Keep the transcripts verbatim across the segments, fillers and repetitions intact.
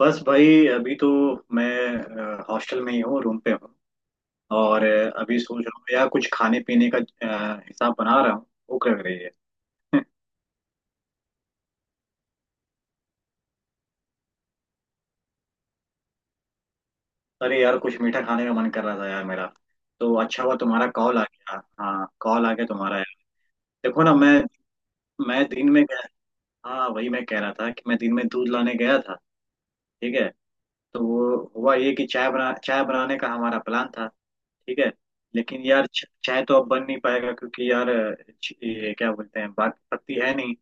बस भाई अभी तो मैं हॉस्टल में ही हूँ, रूम पे हूँ। और अ, अभी सोच रहा हूँ यार, कुछ खाने पीने का अ, हिसाब बना रहा हूँ। भूख लग रही है। अरे यार, कुछ मीठा खाने का मन कर रहा था यार मेरा। तो अच्छा हुआ तुम्हारा कॉल आ गया, हाँ, कॉल आ गया तुम्हारा यार। देखो ना, मैं मैं दिन में गया। हाँ, वही मैं कह रहा था कि मैं दिन में दूध लाने गया था। ठीक है। तो वो हुआ ये कि चाय बना चाय बनाने का हमारा प्लान था। ठीक है। लेकिन यार च- चाहे तो अब बन नहीं पाएगा, क्योंकि यार च- ये क्या बोलते हैं, बाग की पत्ती है नहीं।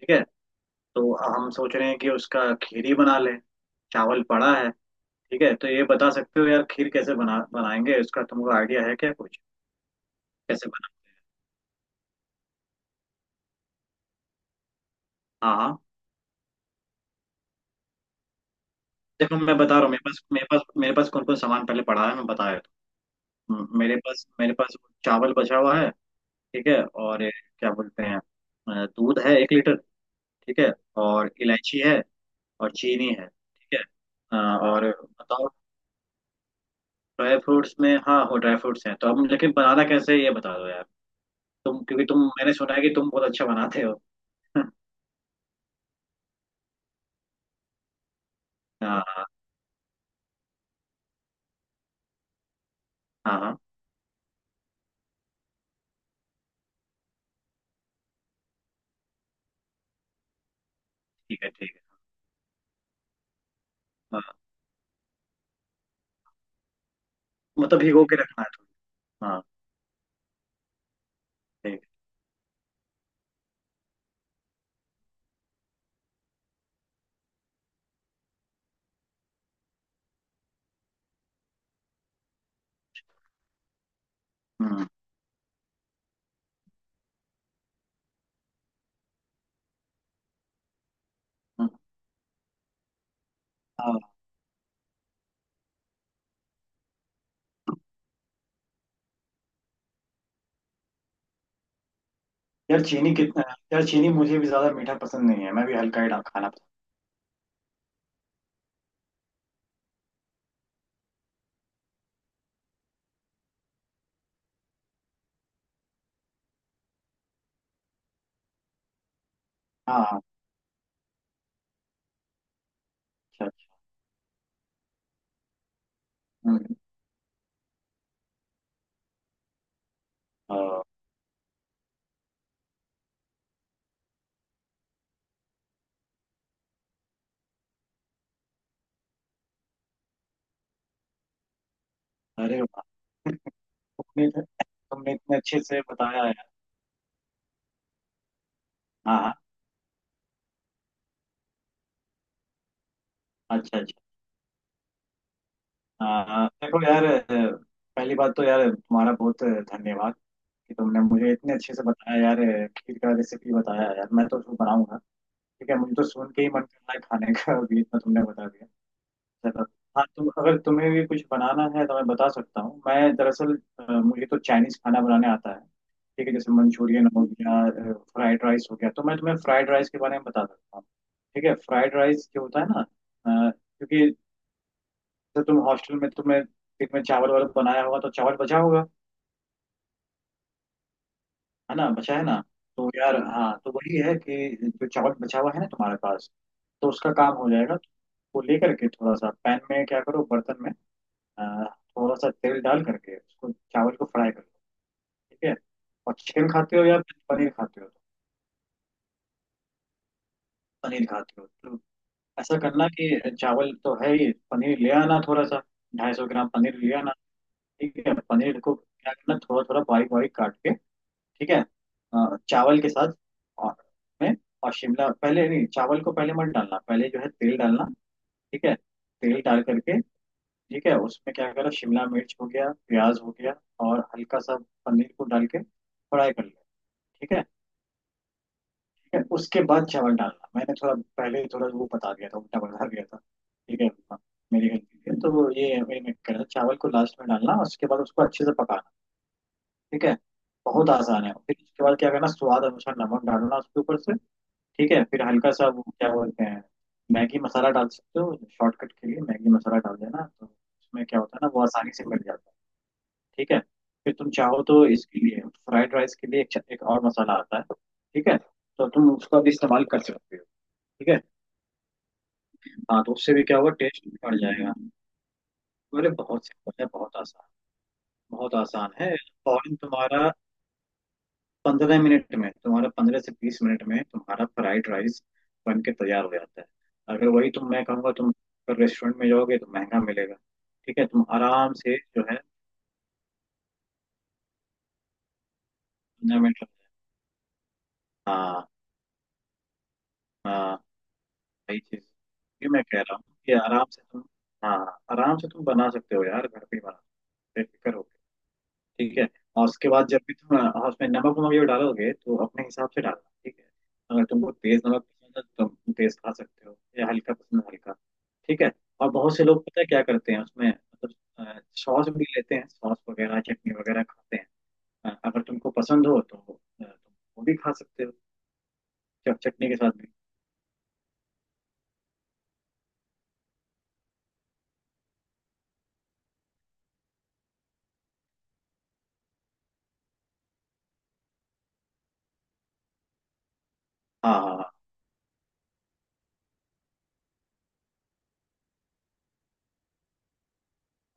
ठीक है। तो हम सोच रहे हैं कि उसका खीर ही बना लें। चावल पड़ा है। ठीक है, तो ये बता सकते हो यार, खीर कैसे बना बनाएंगे, उसका तुमको आइडिया है क्या कुछ? कैसे बना? हाँ हाँ। देखो, मैं बता रहा हूँ मेरे पास मेरे पास मेरे पास कौन कौन सामान पहले पड़ा है, मैं बता देता हूँ। हम्म, मेरे पास मेरे पास चावल बचा हुआ है। ठीक है, और ये क्या बोलते हैं, अ, दूध है एक लीटर। ठीक है। और इलायची है। और चीनी है, ठीक है। हाँ, और बताओ। ड्राई फ्रूट्स में, हाँ हो, ड्राई फ्रूट्स हैं तो, अब लेकिन बनाना कैसे है, ये बता दो यार। तुम क्योंकि तुम, मैंने सुना है कि तुम बहुत अच्छा बनाते हो। हाँ हाँ हाँ हाँ। ठीक है, ठीक है। हाँ, मतलब भिगो के रखना है। थोड़ा। हाँ। ठीक है। हम्म हम्म। हाँ। यार चीनी कितना? यार चीनी मुझे भी ज्यादा मीठा पसंद नहीं है, मैं भी हल्का ही डा- खाना पसंद। हाँ हाँ। अच्छा अच्छा। हम्म। हाँ। अरे वाह! तुमने तो- तुमने इतने अच्छे से बताया है। हाँ हाँ। अच्छा अच्छा। आ, देखो यार, अ, पहली बात तो यार, तुम्हारा बहुत धन्यवाद कि तुमने मुझे इतने अच्छे से बताया यार, अ, खीर का रेसिपी बताया यार, मैं तो उसको बनाऊंगा। ठीक है, मुझे तो सुन के ही मन कर रहा है खाने का, अभी इतना तुमने बता दिया। चलो। हाँ, तुम अगर तुम्हें भी कुछ बनाना है, तो मैं बता सकता हूँ। मैं दरअसल अ, मुझे तो चाइनीज खाना बनाने आता है। ठीक है, जैसे मंचूरियन हो गया, फ्राइड राइस हो गया, तो मैं तुम्हें फ्राइड राइस के बारे में बता सकता हूँ। ठीक है। फ्राइड राइस जो होता है ना, अ, क्योंकि तो तुम हॉस्टल में, तुम्हें दिन में चावल वावल बनाया होगा तो चावल बचा होगा। है ना? बचा है ना? तो यार हाँ, तो वही है कि जो चावल बचा हुआ है ना तुम्हारे पास, तो उसका काम हो जाएगा। वो लेकर के थोड़ा सा पैन में, क्या करो, बर्तन में अ, थोड़ा सा तेल डाल करके उसको, चावल को फ्राई कर लो। ठीक है। और चिकन खाते हो या पनीर खाते हो तो? पनीर खाते हो तो ऐसा करना कि चावल तो है ही, पनीर ले आना थोड़ा सा, ढाई सौ ग्राम पनीर ले आना। ठीक है, पनीर को क्या करना, थोड़ा थोड़ा बारीक बारीक काट के। ठीक है, अ, चावल के साथ और में, और शिमला पहले नहीं, चावल को पहले मत डालना, पहले जो है तेल डालना। ठीक है, तेल डाल करके। ठीक है, उसमें क्या करा, शिमला मिर्च हो गया, प्याज हो गया, और हल्का सा पनीर को डाल के फ्राई कर लिया। ठीक है। ठीक है, उसके बाद चावल डालना, मैंने थोड़ा पहले थोड़ा वो बता दिया था, उल्टा बता दिया था, ठीक है, हाँ। मेरी गलती है, तो वो ये, वही मैं कह रहा था, चावल को लास्ट में डालना, उसके बाद उसको अच्छे से पकाना। ठीक है। बहुत आसान है। फिर उसके बाद क्या करना, स्वाद अनुसार नमक डालना उसके ऊपर से। ठीक है, फिर हल्का सा वो क्या बोलते हैं, मैगी मसाला डाल सकते हो, शॉर्टकट के लिए मैगी मसाला डाल देना, तो उसमें क्या होता है ना, वो आसानी से मिल जाता है। ठीक है। फिर तुम चाहो तो, इसके लिए फ्राइड राइस के लिए, एक, एक और मसाला आता है। ठीक है, तो तुम उसका भी इस्तेमाल कर सकते हो। ठीक है। हाँ, तो उससे भी क्या होगा, टेस्ट बढ़ जाएगा। अरे बहुत सिंपल है, बहुत आसान। बहुत आसान है। फौरन तुम्हारा पंद्रह मिनट में तुम्हारा, पंद्रह से बीस मिनट में तुम्हारा फ्राइड राइस बन के तैयार हो जाता है। अगर वही तुम, मैं कहूँगा तुम अगर रेस्टोरेंट में जाओगे तो महंगा मिलेगा। ठीक है, तुम आराम से जो है पंद्रह मिनट। हाँ हाँ। वही चीज़, ये मैं कह रहा हूँ कि आराम से तुम। हाँ। आराम से तुम बना सकते हो यार, घर पे ही बना, बेफिक्र हो। ठीक है। और उसके बाद जब भी तुम अ, उसमें नमक वमक जब डालोगे, तो अपने हिसाब से डालना। ठीक है। अगर तुमको तेज नमक पसंद है तो तुम तेज खा सकते हो, या हल्का पसंद है, हल्का। ठीक है। और बहुत से लोग पता है क्या करते हैं उसमें, मतलब सॉस भी लेते हैं, सॉस वगैरह, चटनी वगैरह खाते हैं। अ, अगर तुमको पसंद हो तो अ, तुम वो भी खा सकते हो, चट- चटनी के साथ भी। हाँ हाँ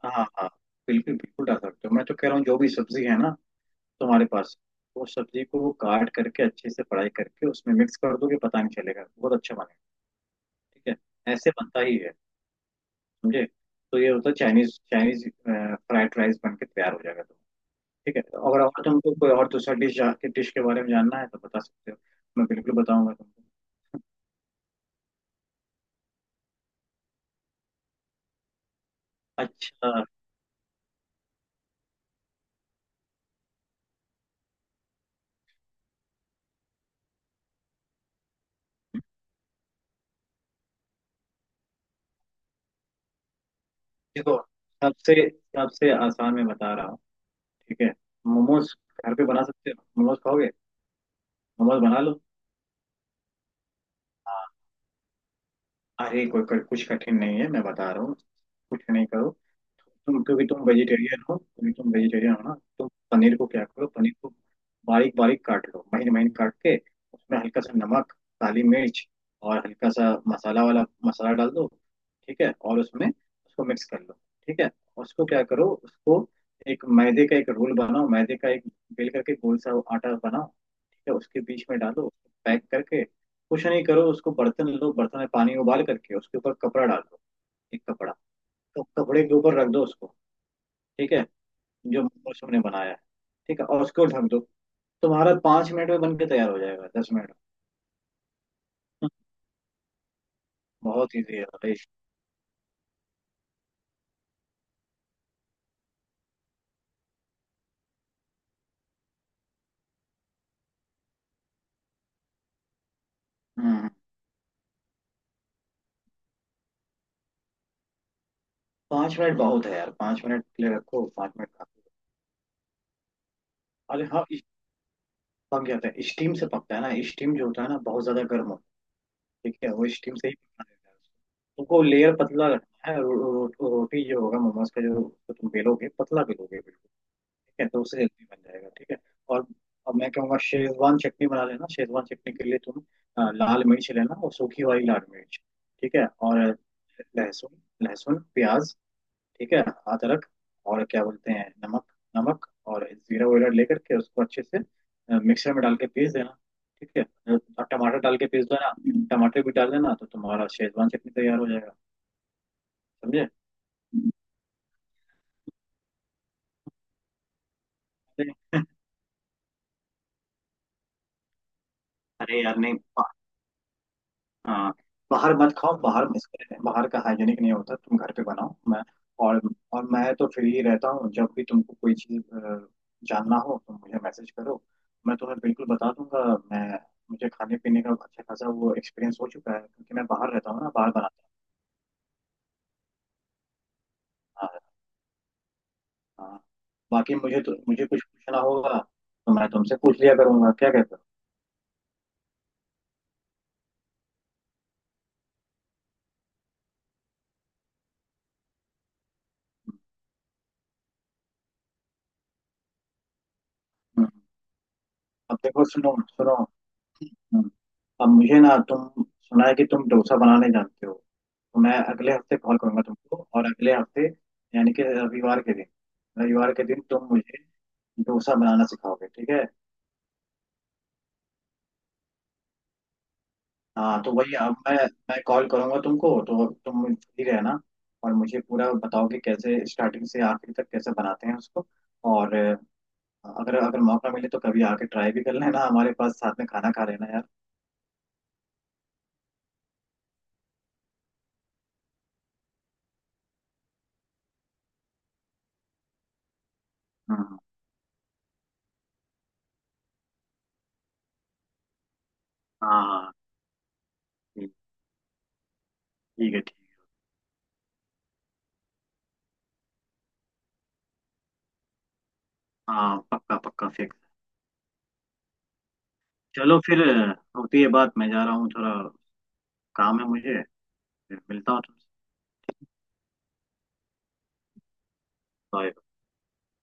हाँ हाँ हाँ। बिल्कुल बिल्कुल डाल सकते हो, मैं तो कह रहा हूँ जो भी सब्जी है ना तुम्हारे पास, वो सब्जी को वो काट करके अच्छे से फ्राई करके उसमें मिक्स कर दोगे, पता नहीं चलेगा, बहुत अच्छा बनेगा। ठीक है, ऐसे बनता ही है, समझे? तो ये होता है चाइनीज, चाइनीज फ्राइड राइस बन के तैयार हो जाएगा तो। ठीक है, अगर और तुमको कोई और दूसरा डिश के डिश के बारे में जानना है तो बता सकते हो, मैं बिल्कुल बताऊंगा तुमको। अच्छा, देखो सबसे सबसे आसान मैं बता रहा हूँ। ठीक है। मोमोज घर पे बना सकते हो, मोमोज खाओगे? मोमोज बना लो। अरे कोई कोई कुछ कठिन नहीं है, मैं बता रहा हूँ, कुछ नहीं करो। तुम क्योंकि तुम वेजिटेरियन हो, क्योंकि तुम वेजिटेरियन हो ना? तुम पनीर को क्या करो, पनीर को बारीक बारीक काट लो, महीन महीन काट के। उसमें हल्का सा नमक, काली मिर्च, और हल्का सा मसाला वाला मसाला डाल दो। ठीक है, और उसमें उसको मिक्स कर लो। ठीक है। उसको क्या करो, उसको एक मैदे का एक रोल बनाओ, मैदे का एक बेल करके गोल सा आटा बनाओ, ठीक है, उसके बीच में डालो, पैक करके। कुछ नहीं करो, उसको बर्तन लो, बर्तन में पानी उबाल करके उसके ऊपर कपड़ा डाल दो, एक कपड़ा। तो कपड़े के ऊपर रख दो उसको। ठीक है, जो मौसम ने बनाया है। ठीक है, और उसको ढक दो। तुम्हारा पाँच मिनट में बन के तैयार हो जाएगा, दस मिनट में। बहुत इजी है भाई। हम्म हम्म। पाँच मिनट बहुत है यार, पाँच मिनट के लिए रखो, पाँच मिनट खा लो। अरे हाँ इस- पक जाता है, स्टीम से पकता है ना, स्टीम जो होता है ना, बहुत ज्यादा गर्म हो। ठीक है, वो स्टीम से ही पकना रहता है उसको। तुमको लेयर पतला रखना है, रो, रो, रो, रोटी जो होगा मोमोज का, जो जो तुम बेलोगे, पतला बेलोगे। ठीक है, तो उससे जल्दी बन जाएगा। ठीक है। और अब मैं कहूँगा शेजवान चटनी बना लेना, शेजवान चटनी के लिए तुम अ, लाल मिर्च लेना, और सूखी वाली लाल मिर्च। ठीक है, और लहसुन, लहसुन प्याज। ठीक है, अदरक, और क्या बोलते हैं, नमक, नमक, और जीरा वगैरह लेकर के उसको अच्छे से अ, मिक्सर में डाल के पीस देना। ठीक है, और टमाटर डाल के पीस देना। टमाटर भी डाल देना, तो तुम्हारा शेजवान चटनी तैयार हो जाएगा, समझे? अरे यार नहीं। हाँ, बाहर मत खाओ, बाहर इसके बाहर का हाइजीनिक नहीं होता, तुम घर पे बनाओ। मैं और और मैं तो फ्री रहता हूँ, जब भी तुमको कोई चीज़ अ, जानना हो तो मुझे मैसेज करो, मैं तुम्हें बिल्कुल बता दूंगा। मैं, मुझे खाने पीने का अच्छा खासा वो एक्सपीरियंस हो चुका है क्योंकि मैं बाहर रहता हूँ ना, बाहर बनाता हूँ। हाँ हाँ। बाकी मुझे तो मुझे कुछ पूछना होगा, तो मैं तुमसे पूछ लिया करूंगा, क्या कहते हो? हम्म। अब देखो, सुनो सुनो। हम्म। अब मुझे ना तुम, सुना है कि तुम डोसा बनाने जानते हो, तो मैं अगले हफ्ते कॉल करूंगा तुमको, और अगले हफ्ते यानी कि रविवार के दिन, रविवार के दिन तुम मुझे डोसा बनाना सिखाओगे, ठीक है? हाँ तो वही, अब मैं मैं कॉल करूंगा तुमको तो तुम फ्री रहना, और मुझे पूरा बताओ कि कैसे स्टार्टिंग से आखिर तक कैसे बनाते हैं उसको। और अ, अगर अगर मौका मिले तो कभी आके ट्राई भी कर लेना हमारे पास, साथ में खाना खा लेना यार। हम्म। हाँ हाँ, ठीक, ठीक है, ठीक है। हाँ पक्का, पक्का फिक्स। चलो फिर अ, होती है बात, मैं जा रहा हूँ थोड़ा, काम है मुझे, मिलता हूँ तुमसे। बाय।